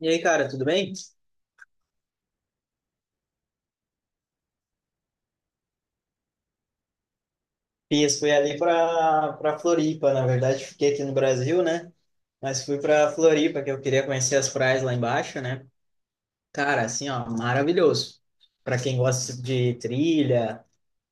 E aí, cara, tudo bem? Fiz, fui ali para Floripa, na verdade, fiquei aqui no Brasil, né? Mas fui para Floripa, que eu queria conhecer as praias lá embaixo, né? Cara, assim, ó, maravilhoso. Para quem gosta de trilha.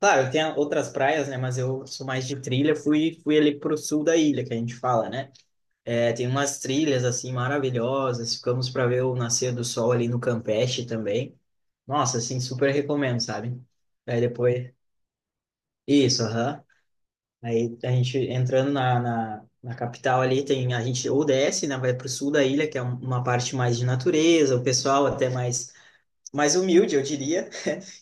Claro, tem outras praias, né, mas eu sou mais de trilha, fui ali pro sul da ilha, que a gente fala, né? É, tem umas trilhas assim maravilhosas, ficamos para ver o nascer do sol ali no Campeche também. Nossa, assim, super recomendo, sabe? Aí depois. Isso, aham. Aí a gente entrando na capital ali, tem, a gente ou desce, né, vai para o sul da ilha, que é uma parte mais de natureza, o pessoal até mais, mais humilde, eu diria.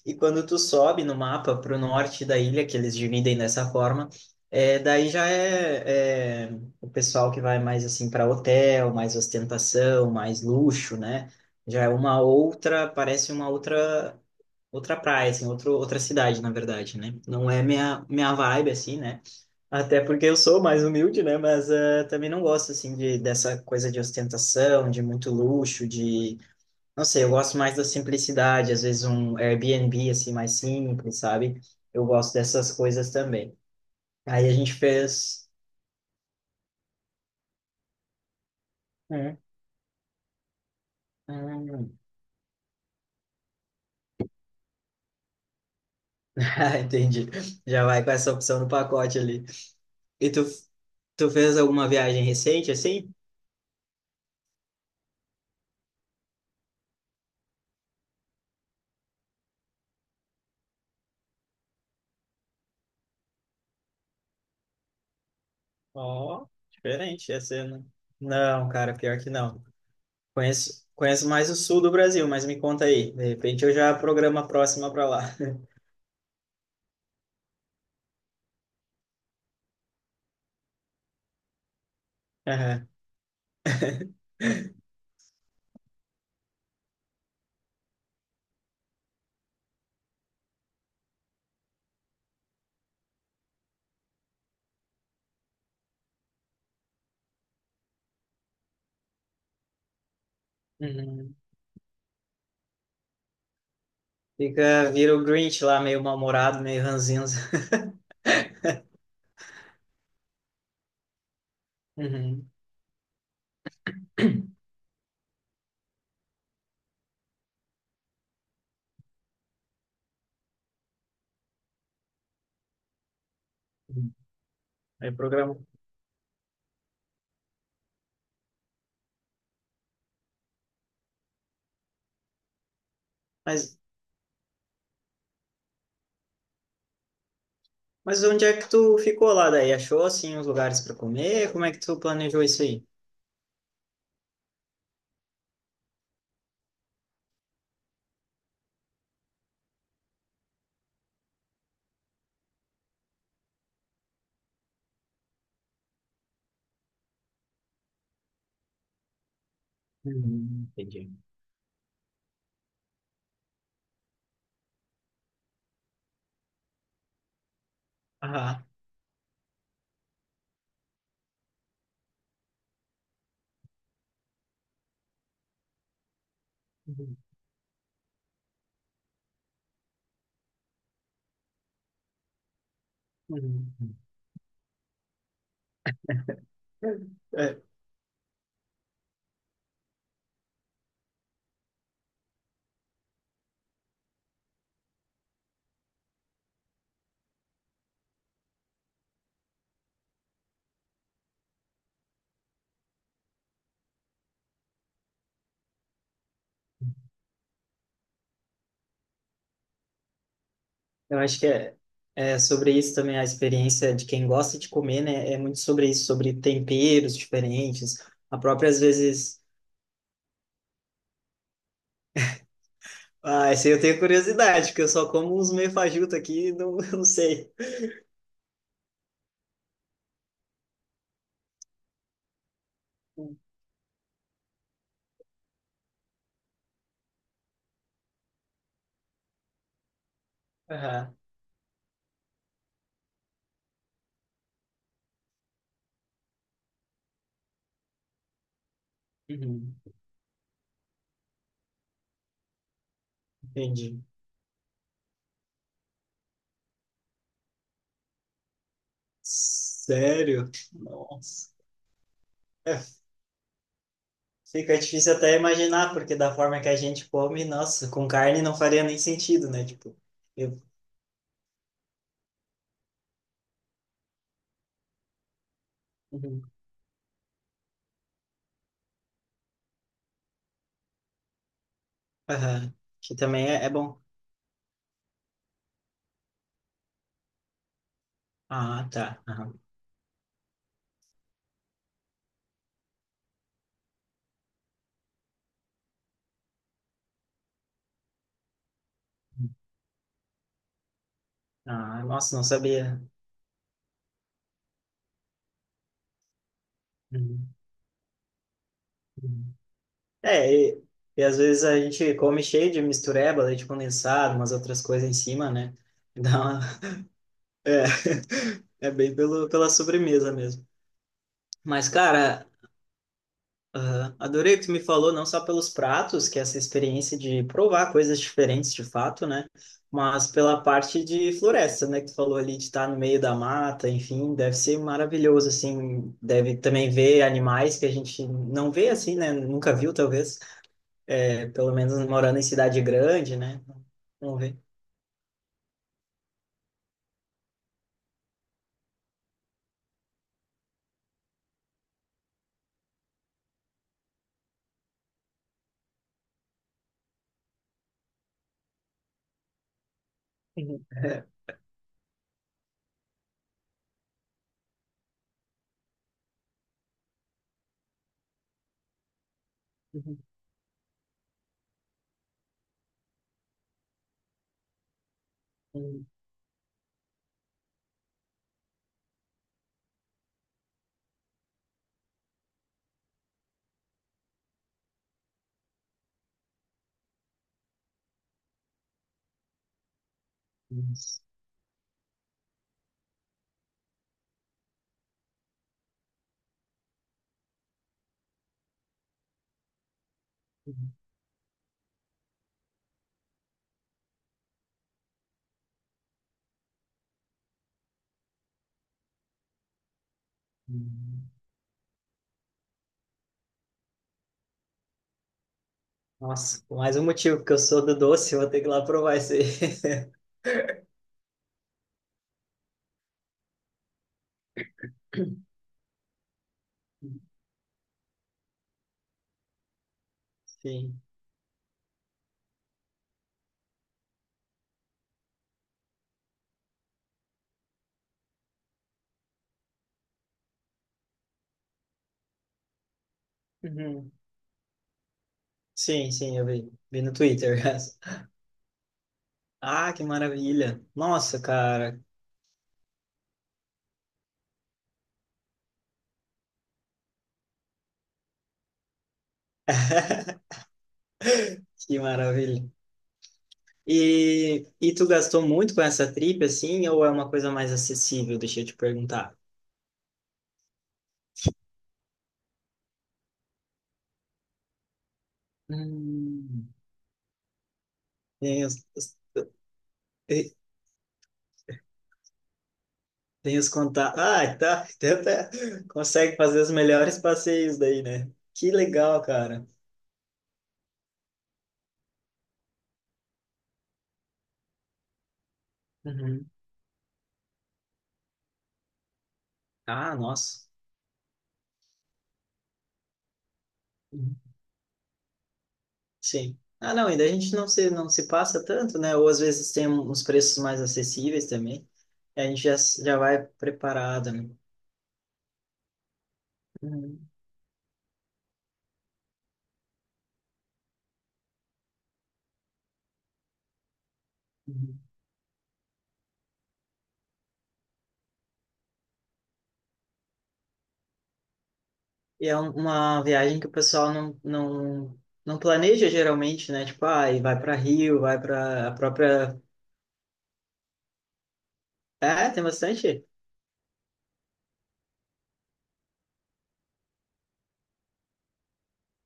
E quando tu sobe no mapa para o norte da ilha, que eles dividem dessa forma, é, daí já é o pessoal que vai mais assim para hotel, mais ostentação, mais luxo, né? Já é uma outra, parece uma outra praia, assim, outro, outra cidade, na verdade, né? Não é minha vibe, assim, né? Até porque eu sou mais humilde, né? Mas também não gosto, assim, de, dessa coisa de ostentação, de muito luxo, de... Não sei, eu gosto mais da simplicidade. Às vezes um Airbnb, assim, mais simples, sabe? Eu gosto dessas coisas também. Aí a gente fez... Hum, hum. Ah, entendi. Já vai com essa opção no pacote ali. E tu, tu fez alguma viagem recente, assim? Ó, diferente essa, né? Não, cara, pior que não. Conheço, conheço mais o sul do Brasil, mas me conta aí. De repente eu já programo a próxima para lá. Aham. Uhum. Fica, vira o Grinch lá, meio mal-humorado, meio ranzinza. Uhum. Uhum. Aí programa. Mas, mas onde é que tu ficou lá daí? Achou, assim, os lugares para comer? Como é que tu planejou isso aí? Uhum, entendi. Aham. Uhum. Uhum. É, eu acho é sobre isso também, a experiência de quem gosta de comer, né? É muito sobre isso, sobre temperos diferentes. A própria, às vezes. Ah, esse aí eu tenho curiosidade, porque eu só como uns meio fajuto aqui, e não, não sei. Aham. Uhum. Entendi. Sério? Nossa. É, fica difícil até imaginar, porque da forma que a gente come, nossa, com carne não faria nem sentido, né? Tipo, eu. Uhum. Aham. Que também é, é bom. Ah, tá. Aham. Ah, nossa, não sabia. Uhum, uhum. É, e, e às vezes a gente come cheio de mistureba, leite condensado, umas outras coisas em cima, né? Dá uma- É, é bem pelo, pela sobremesa mesmo. Mas, cara, ah, adorei o que tu me falou, não só pelos pratos, que é essa experiência de provar coisas diferentes de fato, né? Mas pela parte de floresta, né? Que tu falou ali de estar no meio da mata, enfim, deve ser maravilhoso, assim. Deve também ver animais que a gente não vê assim, né? Nunca viu, talvez. É, pelo menos morando em cidade grande, né? Vamos ver. Nossa, mais um motivo, porque eu sou do doce, eu vou ter que ir lá provar esse. Sim. Uhum. Sim, sim, eu vi. Vi no Twitter. Ah, que maravilha. Nossa, cara. Que maravilha. E tu gastou muito com essa trip, assim, ou é uma coisa mais acessível? Deixa eu te perguntar. Hum. Tem Tem os contatos. Ah, tá. Tenta. Consegue fazer os melhores passeios daí, né? Que legal, cara. Uhum. Ah, nossa. Uhum. Sim. Ah, não, ainda a gente não se passa tanto, né? Ou às vezes tem um, uns preços mais acessíveis também. E a gente já, já vai preparado, né? Uhum. Uhum. E é uma viagem que o pessoal não planeja geralmente, né? Tipo, ah, e vai para Rio, vai para a própria. É, tem bastante.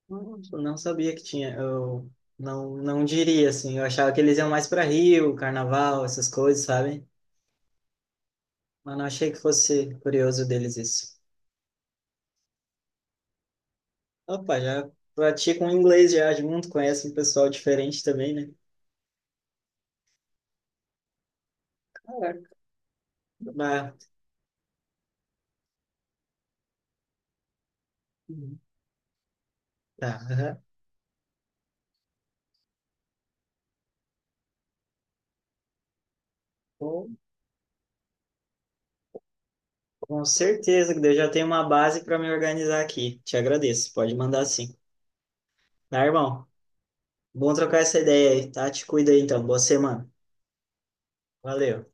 Nossa, não sabia que tinha. Eu não, não diria assim. Eu achava que eles iam mais para Rio, Carnaval, essas coisas, sabe? Mas não achei que fosse curioso deles isso. Opa, já praticam inglês já junto, conhece um pessoal diferente também, né? Caraca. Bah, uhum. Tá. Aham. Com com certeza, que eu já tenho uma base para me organizar aqui. Te agradeço. Pode mandar sim. Tá, irmão? Bom trocar essa ideia aí, tá? Te cuida aí então. Boa semana. Valeu.